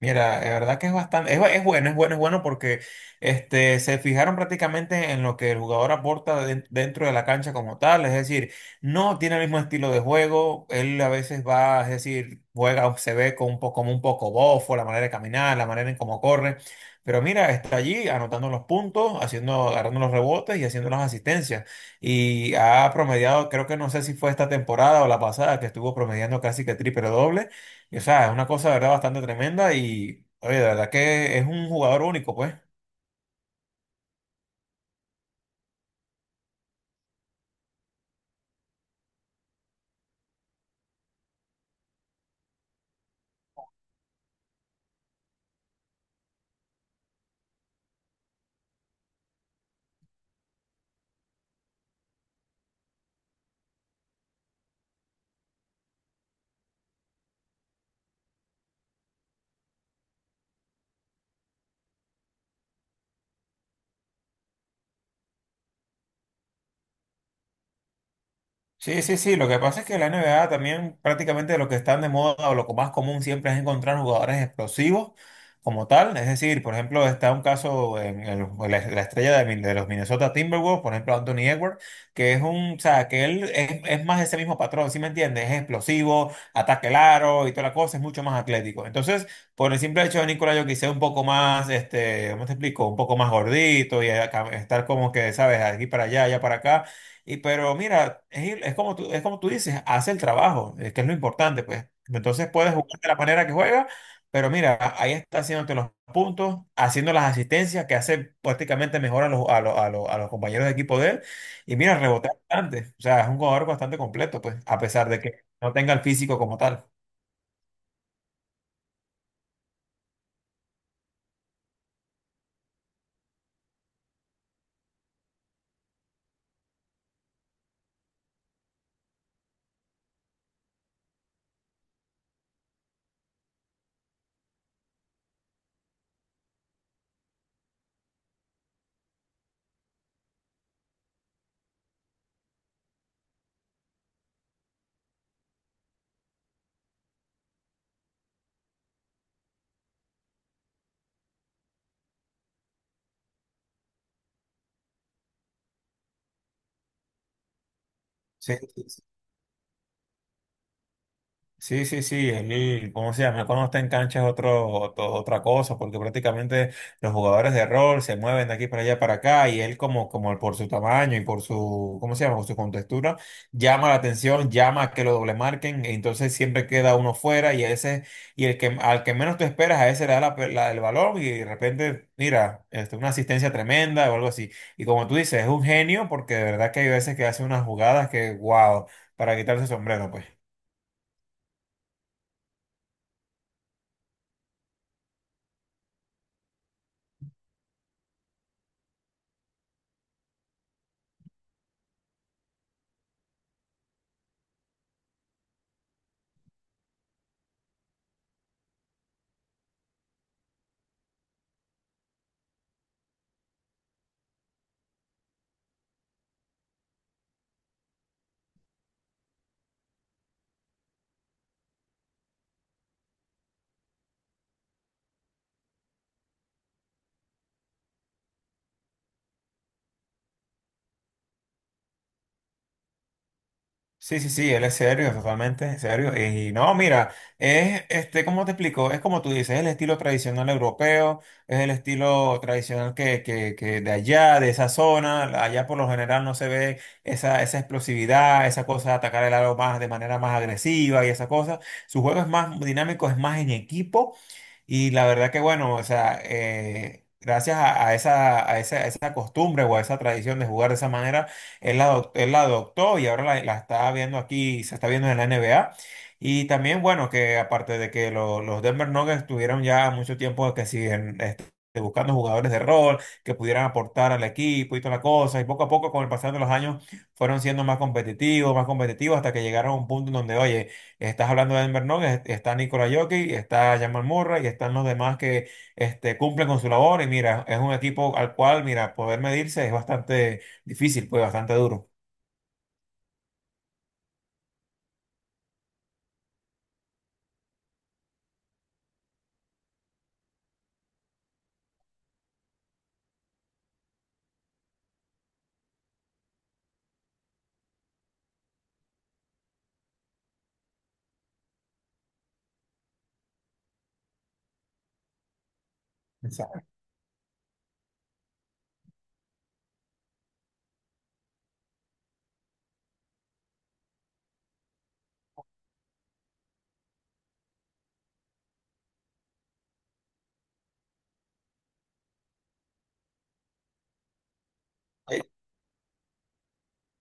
Mira, de verdad que es bastante, es bueno, es bueno porque se fijaron prácticamente en lo que el jugador aporta dentro de la cancha como tal, es decir, no tiene el mismo estilo de juego, él a veces va, es decir, juega, o se ve con un poco, como un poco bofo, la manera de caminar, la manera en cómo corre, pero mira, está allí anotando los puntos, haciendo, agarrando los rebotes y haciendo las asistencias, y ha promediado, creo que no sé si fue esta temporada o la pasada, que estuvo promediando casi que triple doble. Y, o sea, es una cosa, de verdad, bastante tremenda y, oye, de verdad que es un jugador único, pues. Sí, sí, sí. Lo que pasa es que la NBA también prácticamente lo que están de moda o lo más común siempre es encontrar jugadores explosivos como tal. Es decir, por ejemplo, está un caso en la, la estrella de, de los Minnesota Timberwolves, por ejemplo, Anthony Edwards, que es un, o sea, que él es más ese mismo patrón, ¿sí me entiendes? Es explosivo, ataque el aro y toda la cosa, es mucho más atlético. Entonces, por el simple hecho de Nikola Jokic ser un poco más, ¿cómo te explico? Un poco más gordito y estar como que, ¿sabes? Aquí para allá, allá para acá y pero mira, es como tú dices, hace el trabajo, que es lo importante, pues. Entonces puedes jugar de la manera que juega, pero mira, ahí está haciéndote los puntos, haciendo las asistencias que hace prácticamente mejor a los, a los compañeros de equipo de él. Y mira, rebotea bastante. O sea, es un jugador bastante completo, pues, a pesar de que no tenga el físico como tal. Sí. Sí, sí, sí, sí, él, ¿cómo se llama? Cuando está en cancha es otro, otra cosa, porque prácticamente los jugadores de rol se mueven de aquí para allá para acá y él como, como por su tamaño y por su, ¿cómo se llama? Por su contextura, llama la atención, llama a que lo doble marquen, entonces siempre queda uno fuera y ese, y el que, al que menos tú esperas, a ese le da el balón y de repente, mira, una asistencia tremenda o algo así. Y como tú dices, es un genio porque de verdad que hay veces que hace unas jugadas que, wow, para quitarse el sombrero, pues. Sí, sí, sí, él es serio, totalmente serio. Y no, mira, ¿cómo te explico? Es como tú dices, es el estilo tradicional europeo, es el estilo tradicional que de allá, de esa zona, allá por lo general no se ve esa, esa explosividad, esa cosa de atacar el aro más de manera más agresiva y esa cosa. Su juego es más dinámico, es más en equipo. Y la verdad que bueno, o sea, gracias a, a esa costumbre o a esa tradición de jugar de esa manera, él la adoptó y ahora la, la está viendo aquí, se está viendo en la NBA. Y también, bueno, que aparte de que los Denver Nuggets tuvieron ya mucho tiempo que siguen buscando jugadores de rol que pudieran aportar al equipo y toda la cosa, y poco a poco con el pasar de los años fueron siendo más competitivos hasta que llegaron a un punto en donde, oye, estás hablando de Denver Nuggets, está Nikola Jokic, está Jamal Murray y están los demás que cumplen con su labor. Y mira, es un equipo al cual, mira, poder medirse es bastante difícil, pues bastante duro. O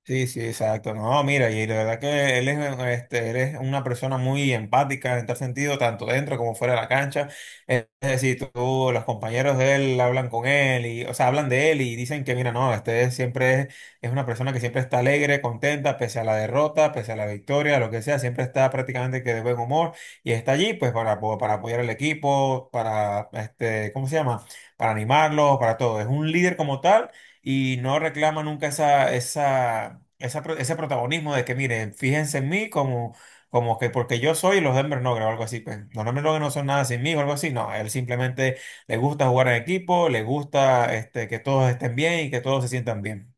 Sí, sí, exacto. No, mira, y la verdad que él es, él es una persona muy empática en tal sentido, tanto dentro como fuera de la cancha. Es decir, tú, los compañeros de él hablan con él y, o sea, hablan de él y dicen que, mira, no, siempre es una persona que siempre está alegre, contenta, pese a la derrota, pese a la victoria, lo que sea, siempre está prácticamente que de buen humor y está allí, pues, para apoyar al equipo, para, ¿cómo se llama? Para animarlos, para todo. Es un líder como tal y no reclama nunca ese protagonismo de que, miren, fíjense en mí como, como que porque yo soy los Denver Nuggets o algo así, pues los Denver Nuggets no son nada sin mí o algo así, no, a él simplemente le gusta jugar en equipo, le gusta que todos estén bien y que todos se sientan bien.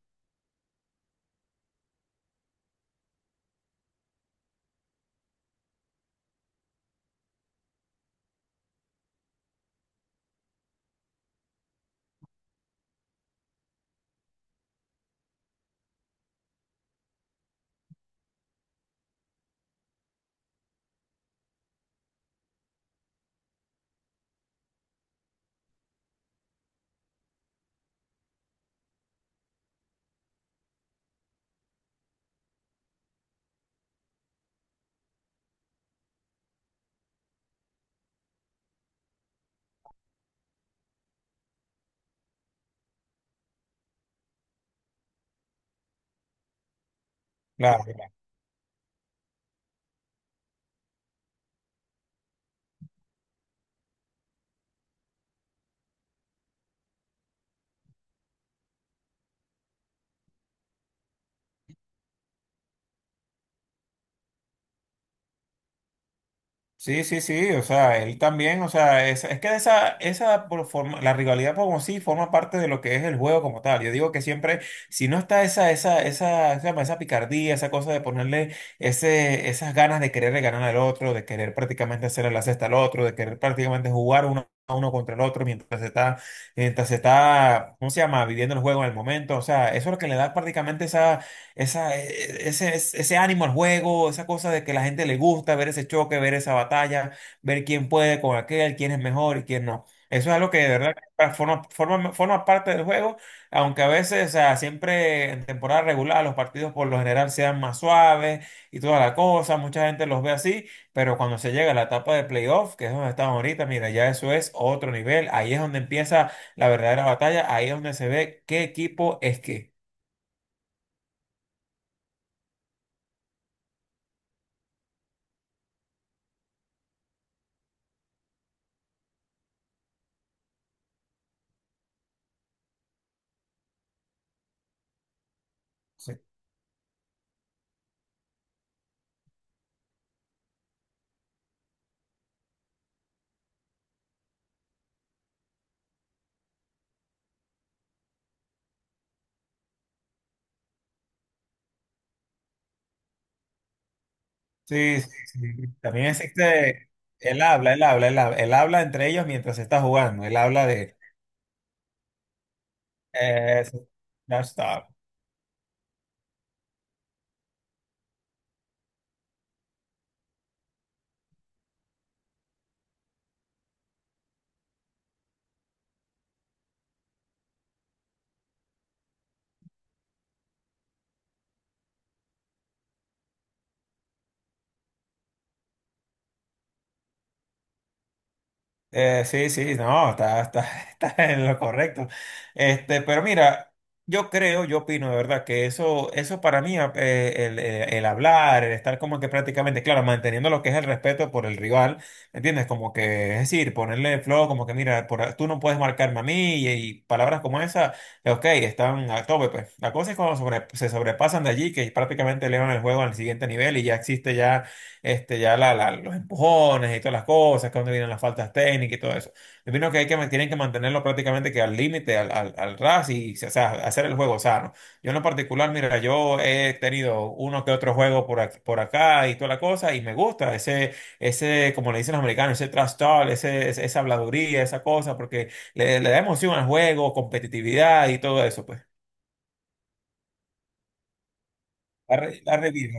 Claro. Sí, sí, sí, o sea, él también, o sea, es que esa por forma, la rivalidad como sí forma parte de lo que es el juego como tal. Yo digo que siempre, si no está esa picardía, esa cosa de ponerle ese, esas ganas de querer ganar al otro, de querer prácticamente hacerle la cesta al otro, de querer prácticamente jugar uno a uno contra el otro mientras se está, ¿cómo se llama? Viviendo el juego en el momento. O sea, eso es lo que le da prácticamente esa esa, e- e, ese ánimo al juego, esa cosa de que la gente le gusta ver ese choque, ver esa batalla, ver quién puede con aquel, quién es mejor y quién no. Eso es algo que de verdad forma parte del juego, aunque a veces, o sea, siempre en temporada regular los partidos por lo general sean más suaves y toda la cosa, mucha gente los ve así, pero cuando se llega a la etapa de playoff, que es donde estamos ahorita, mira, ya eso es otro nivel, ahí es donde empieza la verdadera batalla, ahí es donde se ve qué equipo es qué. Sí, sí, sí. También existe, él habla entre ellos mientras está jugando, él habla de... eso, no stop. Sí, sí, no, está, está en lo correcto. Pero mira, yo opino de verdad que eso para mí, el hablar, el estar como que prácticamente, claro, manteniendo lo que es el respeto por el rival, ¿me ¿entiendes? Como que, es decir, ponerle el flow, como que mira, tú no puedes marcarme a mí y palabras como esa, ok, están a tope, pues. La cosa es cuando se sobrepasan de allí, que prácticamente elevan el juego al siguiente nivel y ya existe ya este, ya la- la- los empujones y todas las cosas, que donde vienen las faltas técnicas y todo eso. Yo opino que tienen que mantenerlo prácticamente que al límite, al ras y o sea, hacer el juego sano. Yo en lo particular, mira, yo he tenido uno que otro juego por, por acá y toda la cosa y me gusta ese, ese, como le dicen los americanos, ese trash talk, esa habladuría, esa cosa, porque le da emoción al juego, competitividad y todo eso, pues. La, re- la revivir,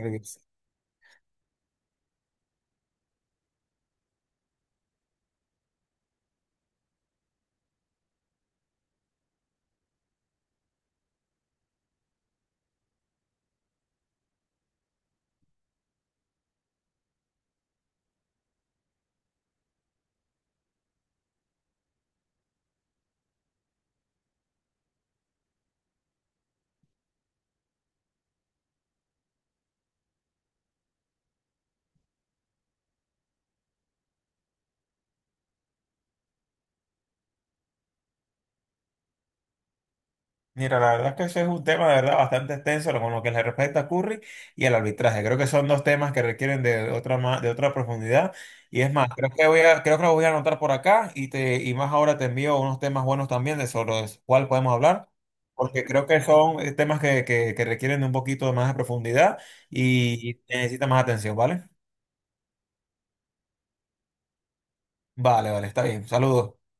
Mira, la verdad es que ese es un tema de verdad bastante extenso con lo que le respecta a Curry y el arbitraje. Creo que son dos temas que requieren de otra profundidad. Y es más, creo que lo voy a anotar por acá y te, y más ahora te envío unos temas buenos también de sobre los cuales podemos hablar, porque creo que son temas que requieren de un poquito más de profundidad y necesitan más atención, ¿vale? Vale, vale, está bien. Saludos.